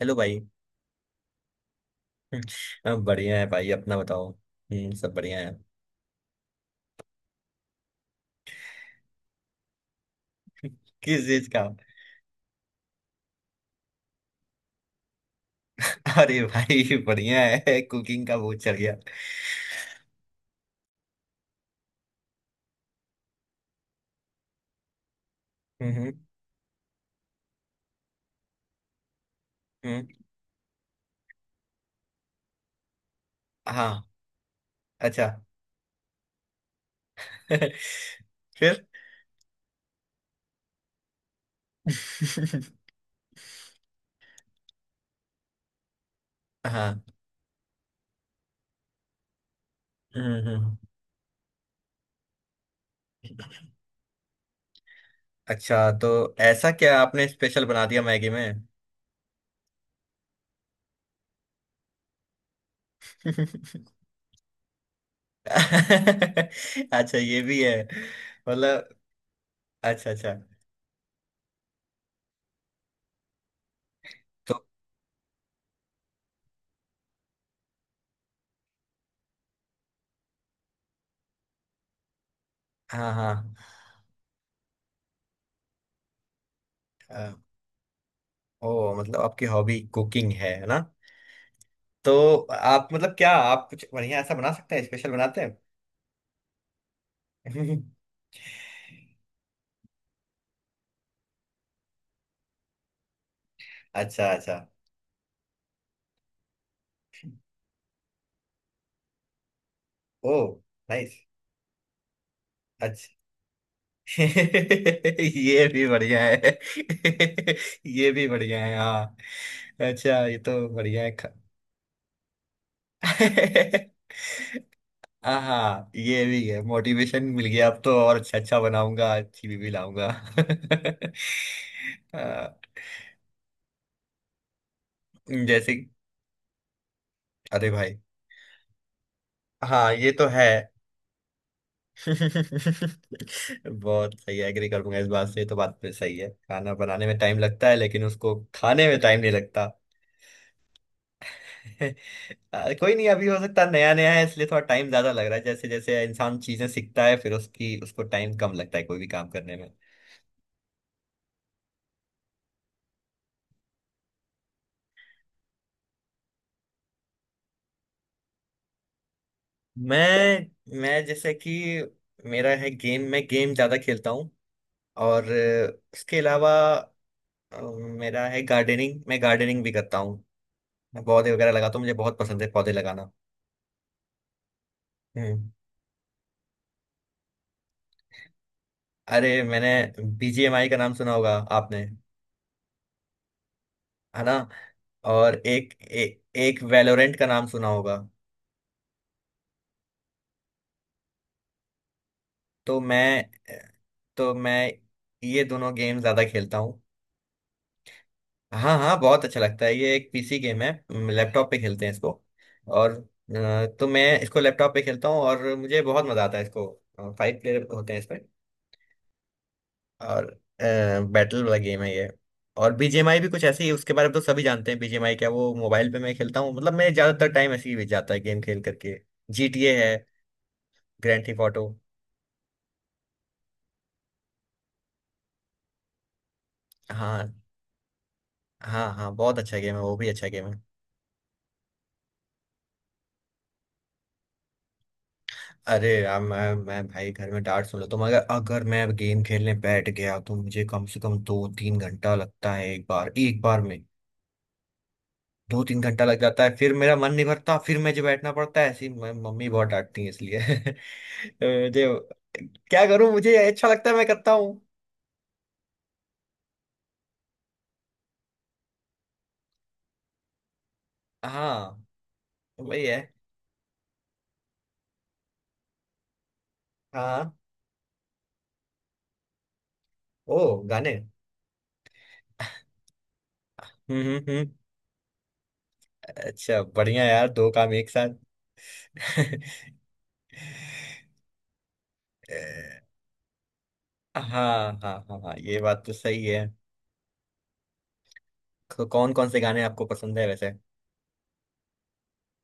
Hello भाई। हम बढ़िया है भाई। अपना बताओ। हम्म। सब बढ़िया है। किस चीज का। अरे भाई बढ़िया है। कुकिंग का भूत चढ़ गया। हम्म। हम्म। हाँ। अच्छा। फिर। हाँ। हम्म। हम्म। अच्छा, तो ऐसा क्या आपने स्पेशल बना दिया मैगी में? अच्छा ये भी है। मतलब, अच्छा अच्छा। तो हाँ हाँ। अ, ओ मतलब आपकी हॉबी कुकिंग है ना। तो आप, मतलब क्या आप कुछ बढ़िया ऐसा बना सकते हैं? स्पेशल बनाते हैं? अच्छा अच्छा। ओ नाइस। अच्छा। ये भी बढ़िया है। ये भी बढ़िया है हाँ। अच्छा ये तो बढ़िया है हाँ ये भी है, मोटिवेशन मिल गया, अब तो और अच्छा अच्छा बनाऊंगा, अच्छी भी लाऊंगा। अ, जैसे। अरे भाई। हाँ ये तो है। बहुत सही। एग्री करूंगा इस बात से, ये तो बात पे सही है, खाना बनाने में टाइम लगता है लेकिन उसको खाने में टाइम नहीं लगता। कोई नहीं। अभी हो सकता है नया नया है इसलिए थोड़ा टाइम ज्यादा लग रहा है। जैसे जैसे इंसान चीजें सीखता है फिर उसकी उसको टाइम कम लगता है कोई भी काम करने में। मैं जैसे कि, मेरा है गेम। मैं गेम ज्यादा खेलता हूँ। और उसके अलावा अ, मेरा है गार्डनिंग। मैं गार्डनिंग भी करता हूँ। मैं पौधे वगैरह लगाता हूँ, मुझे बहुत पसंद है पौधे लगाना। हम्म। अरे मैंने बीजीएमआई का नाम सुना होगा आपने, है ना? और एक एक वैलोरेंट का नाम सुना होगा। तो मैं तो मैं ये दोनों गेम ज्यादा खेलता हूँ। हाँ हाँ बहुत अच्छा लगता है। ये एक पीसी गेम है, लैपटॉप पे खेलते हैं इसको। और तो मैं इसको लैपटॉप पे खेलता हूँ और मुझे बहुत मजा आता है इसको। 5 प्लेयर होते हैं इसमें, और बैटल वाला गेम है ये। और बीजीएमआई भी कुछ ऐसे ही है, उसके बारे में तो सभी जानते हैं बीजीएमआई क्या। वो मोबाइल पे मैं खेलता हूँ, मतलब मैं, ज्यादातर टाइम ऐसे ही बीत जाता है गेम खेल करके। जीटीए है, ग्रैंड थीफ ऑटो। हाँ हाँ, हाँ बहुत अच्छा गेम है वो, भी अच्छा गेम है। अरे यार, मैं भाई घर में डांट सुन लेता हूँ, मगर अगर मैं गेम खेलने बैठ गया तो मुझे कम से कम 2-3 घंटा लगता है। एक बार में 2-3 घंटा लग जाता है, फिर मेरा मन नहीं भरता, फिर मुझे बैठना पड़ता है ऐसी। मम्मी बहुत डांटती है इसलिए। तो मुझे, क्या करूं, मुझे अच्छा लगता है मैं करता हूँ। हाँ वही है। हाँ। ओ गाने। हम्म। हम्म। हम्म। अच्छा बढ़िया यार, दो काम एक साथ। अ, हाँ हाँ हाँ हाँ, ये बात तो सही है। तो कौन कौन से गाने आपको पसंद है वैसे?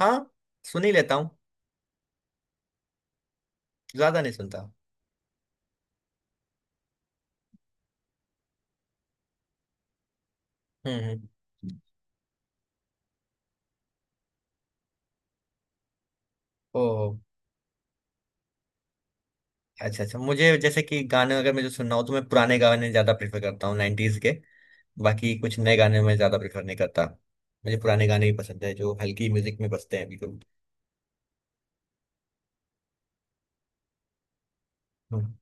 हाँ सुन ही लेता हूँ, ज्यादा नहीं सुनता। हम्म। हम्म। ओ अच्छा अच्छा। मुझे जैसे कि गाने अगर मुझे सुनना हो तो मैं पुराने गाने ज्यादा प्रेफर करता हूँ, 90s के। बाकी कुछ नए गाने मैं ज्यादा प्रेफर नहीं करता। मुझे पुराने गाने ही पसंद है जो हल्की म्यूजिक में बजते हैं, बिल्कुल। हम्म।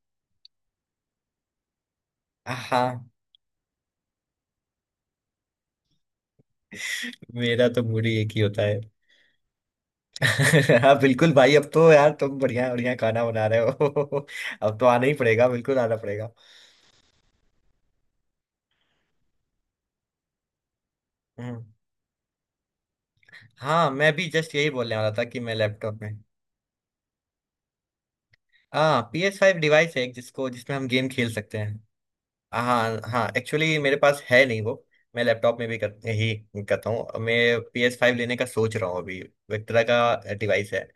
हाँ, मेरा तो मूड ही एक ही होता है। हाँ बिल्कुल भाई, अब तो यार तुम बढ़िया बढ़िया खाना बना रहे हो। अब तो आना ही पड़ेगा, बिल्कुल आना पड़ेगा। हम्म। हाँ, मैं भी जस्ट यही बोलने वाला था कि मैं लैपटॉप में। हाँ PS5 डिवाइस है एक, जिसको जिसमें हम गेम खेल सकते हैं। हाँ हाँ, एक्चुअली मेरे पास है नहीं वो। मैं लैपटॉप में भी ही करता हूँ मैं। पी एस फाइव लेने का सोच रहा हूँ अभी। विक्ट्रा का डिवाइस है,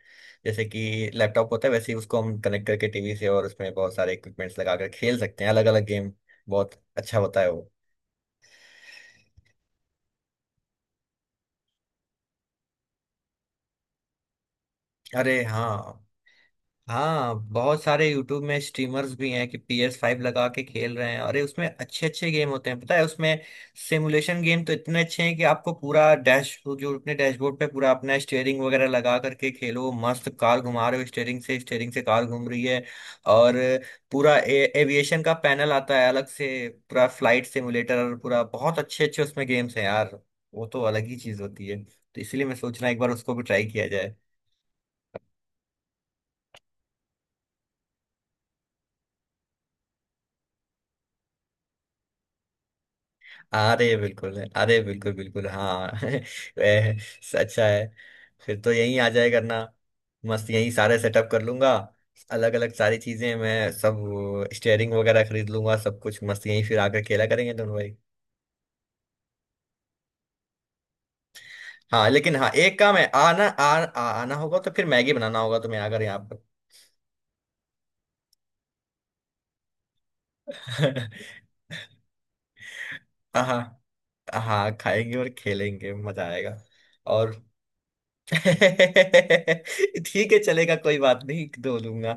जैसे कि लैपटॉप होता है वैसे ही उसको हम कनेक्ट करके टीवी से, और उसमें बहुत सारे इक्विपमेंट्स लगा कर खेल सकते हैं अलग अलग गेम। बहुत अच्छा होता है वो। अरे हाँ। हाँ बहुत सारे YouTube में स्ट्रीमर्स भी हैं कि पी एस फाइव लगा के खेल रहे हैं। अरे उसमें अच्छे अच्छे गेम होते हैं, पता है उसमें सिमुलेशन गेम तो इतने अच्छे हैं कि आपको पूरा डैश, जो अपने डैशबोर्ड पे पूरा अपना स्टेयरिंग वगैरह लगा करके खेलो, मस्त कार घुमा रहे हो स्टेयरिंग से, स्टेयरिंग से कार घूम रही है। और पूरा एविएशन का पैनल आता है अलग से, पूरा फ्लाइट सिमुलेटर, पूरा, बहुत अच्छे अच्छे उसमें गेम्स हैं यार। वो तो अलग ही चीज होती है। तो इसलिए मैं सोच रहा हूँ एक बार उसको भी ट्राई किया। अरे बिल्कुल, अरे बिल्कुल बिल्कुल हाँ। ए, अच्छा है। फिर तो यहीं आ जाए करना, मस्त यहीं सारे सेटअप कर लूंगा। अलग अलग सारी चीजें, मैं सब स्टेयरिंग वगैरह खरीद लूंगा सब कुछ, मस्त यहीं फिर आकर खेला करेंगे दोनों भाई। हाँ लेकिन, हाँ एक काम है, आना आ, आ, आना होगा, तो फिर मैगी बनाना होगा तुम्हें आकर यहाँ पर। हाँ हाँ, खाएंगे और खेलेंगे, मजा आएगा। और ठीक है चलेगा, कोई बात नहीं धो लूंगा।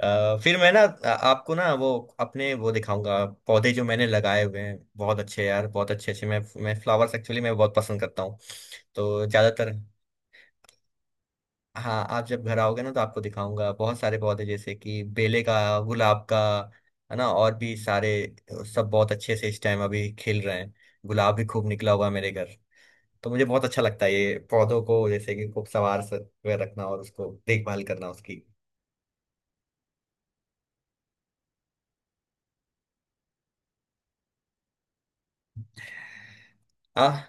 फिर मैं ना आपको ना वो अपने वो दिखाऊंगा पौधे जो मैंने लगाए हुए हैं, बहुत अच्छे यार, बहुत अच्छे अच्छे। मैं फ्लावर्स, एक्चुअली मैं बहुत पसंद करता हूँ, तो ज्यादातर। हाँ आप जब घर आओगे ना तो आपको दिखाऊंगा, बहुत सारे पौधे, जैसे कि बेले का, गुलाब का, है ना, और भी सारे। सब बहुत अच्छे से इस टाइम अभी खिल रहे हैं। गुलाब भी खूब निकला हुआ है मेरे घर। तो मुझे बहुत अच्छा लगता है ये पौधों को जैसे कि खूब सवार से हुए रखना और उसको देखभाल करना उसकी। आ,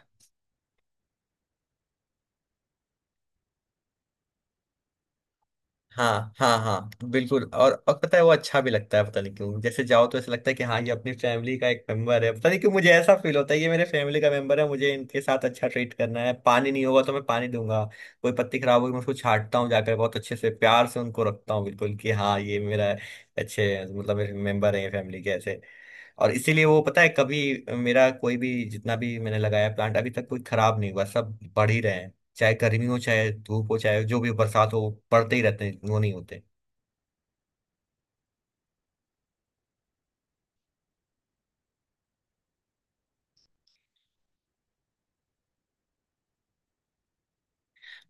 हाँ हाँ हाँ बिल्कुल। और पता है वो अच्छा भी लगता है, पता नहीं क्यों, जैसे जाओ तो ऐसा लगता है कि हाँ ये अपनी फैमिली का एक मेंबर है। पता नहीं क्यों मुझे ऐसा फील होता है, ये मेरे फैमिली का मेंबर है, मुझे इनके साथ अच्छा ट्रीट करना है। पानी नहीं होगा तो मैं पानी दूंगा, कोई पत्ती खराब होगी मैं उसको छांटता हूँ जाकर, बहुत अच्छे से प्यार से उनको रखता हूँ, बिल्कुल कि हाँ ये मेरा अच्छे, मतलब मेरे मेंबर है फैमिली के ऐसे। और इसीलिए वो पता है, कभी मेरा कोई भी जितना भी मैंने लगाया प्लांट अभी तक कोई खराब नहीं हुआ, सब बढ़ ही रहे हैं, चाहे गर्मी हो चाहे धूप हो चाहे जो भी बरसात हो, पड़ते ही रहते हैं वो, नहीं होते।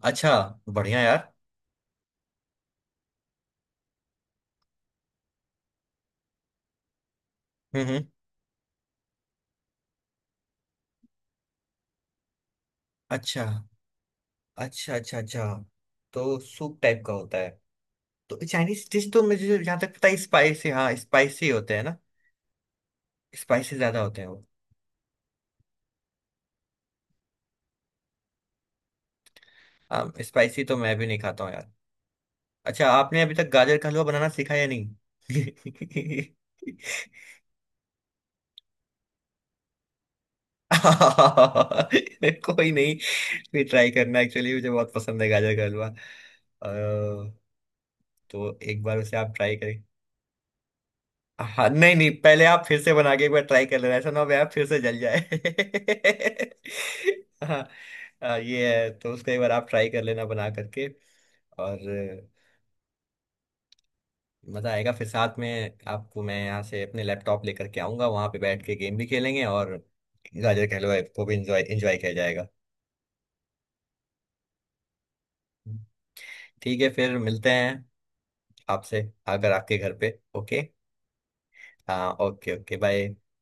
अच्छा। बढ़िया यार। हम्म। हम्म। अच्छा अच्छा अच्छा। अच्छा तो सूप टाइप का होता है। तो चाइनीज डिश तो मुझे जहाँ तक पता है स्पाइसी, हाँ स्पाइसी होते हैं ना? स्पाइसी ज्यादा होते हैं वो। हाँ स्पाइसी तो मैं भी नहीं खाता हूँ यार। अच्छा आपने अभी तक गाजर का हलवा बनाना सीखा या नहीं? कोई नहीं। फिर ट्राई करना, एक्चुअली मुझे बहुत पसंद है गाजर का हलवा। तो एक बार उसे आप ट्राई करें। हाँ नहीं नहीं, पहले आप फिर से बना के एक बार ट्राई कर लेना, ऐसा ना हो भाई आप फिर से जल जाए। हाँ ये है, तो उसको एक बार आप ट्राई कर लेना बना करके। और मज़ा आएगा, फिर साथ में आपको मैं यहाँ से अपने लैपटॉप लेकर के आऊँगा, वहाँ पे बैठ के गेम भी खेलेंगे और गाजर का हलवा को भी इंजॉय इंजॉय किया जाएगा। ठीक है फिर मिलते हैं आपसे, अगर आपके घर पे। ओके। हाँ ओके ओके बाय।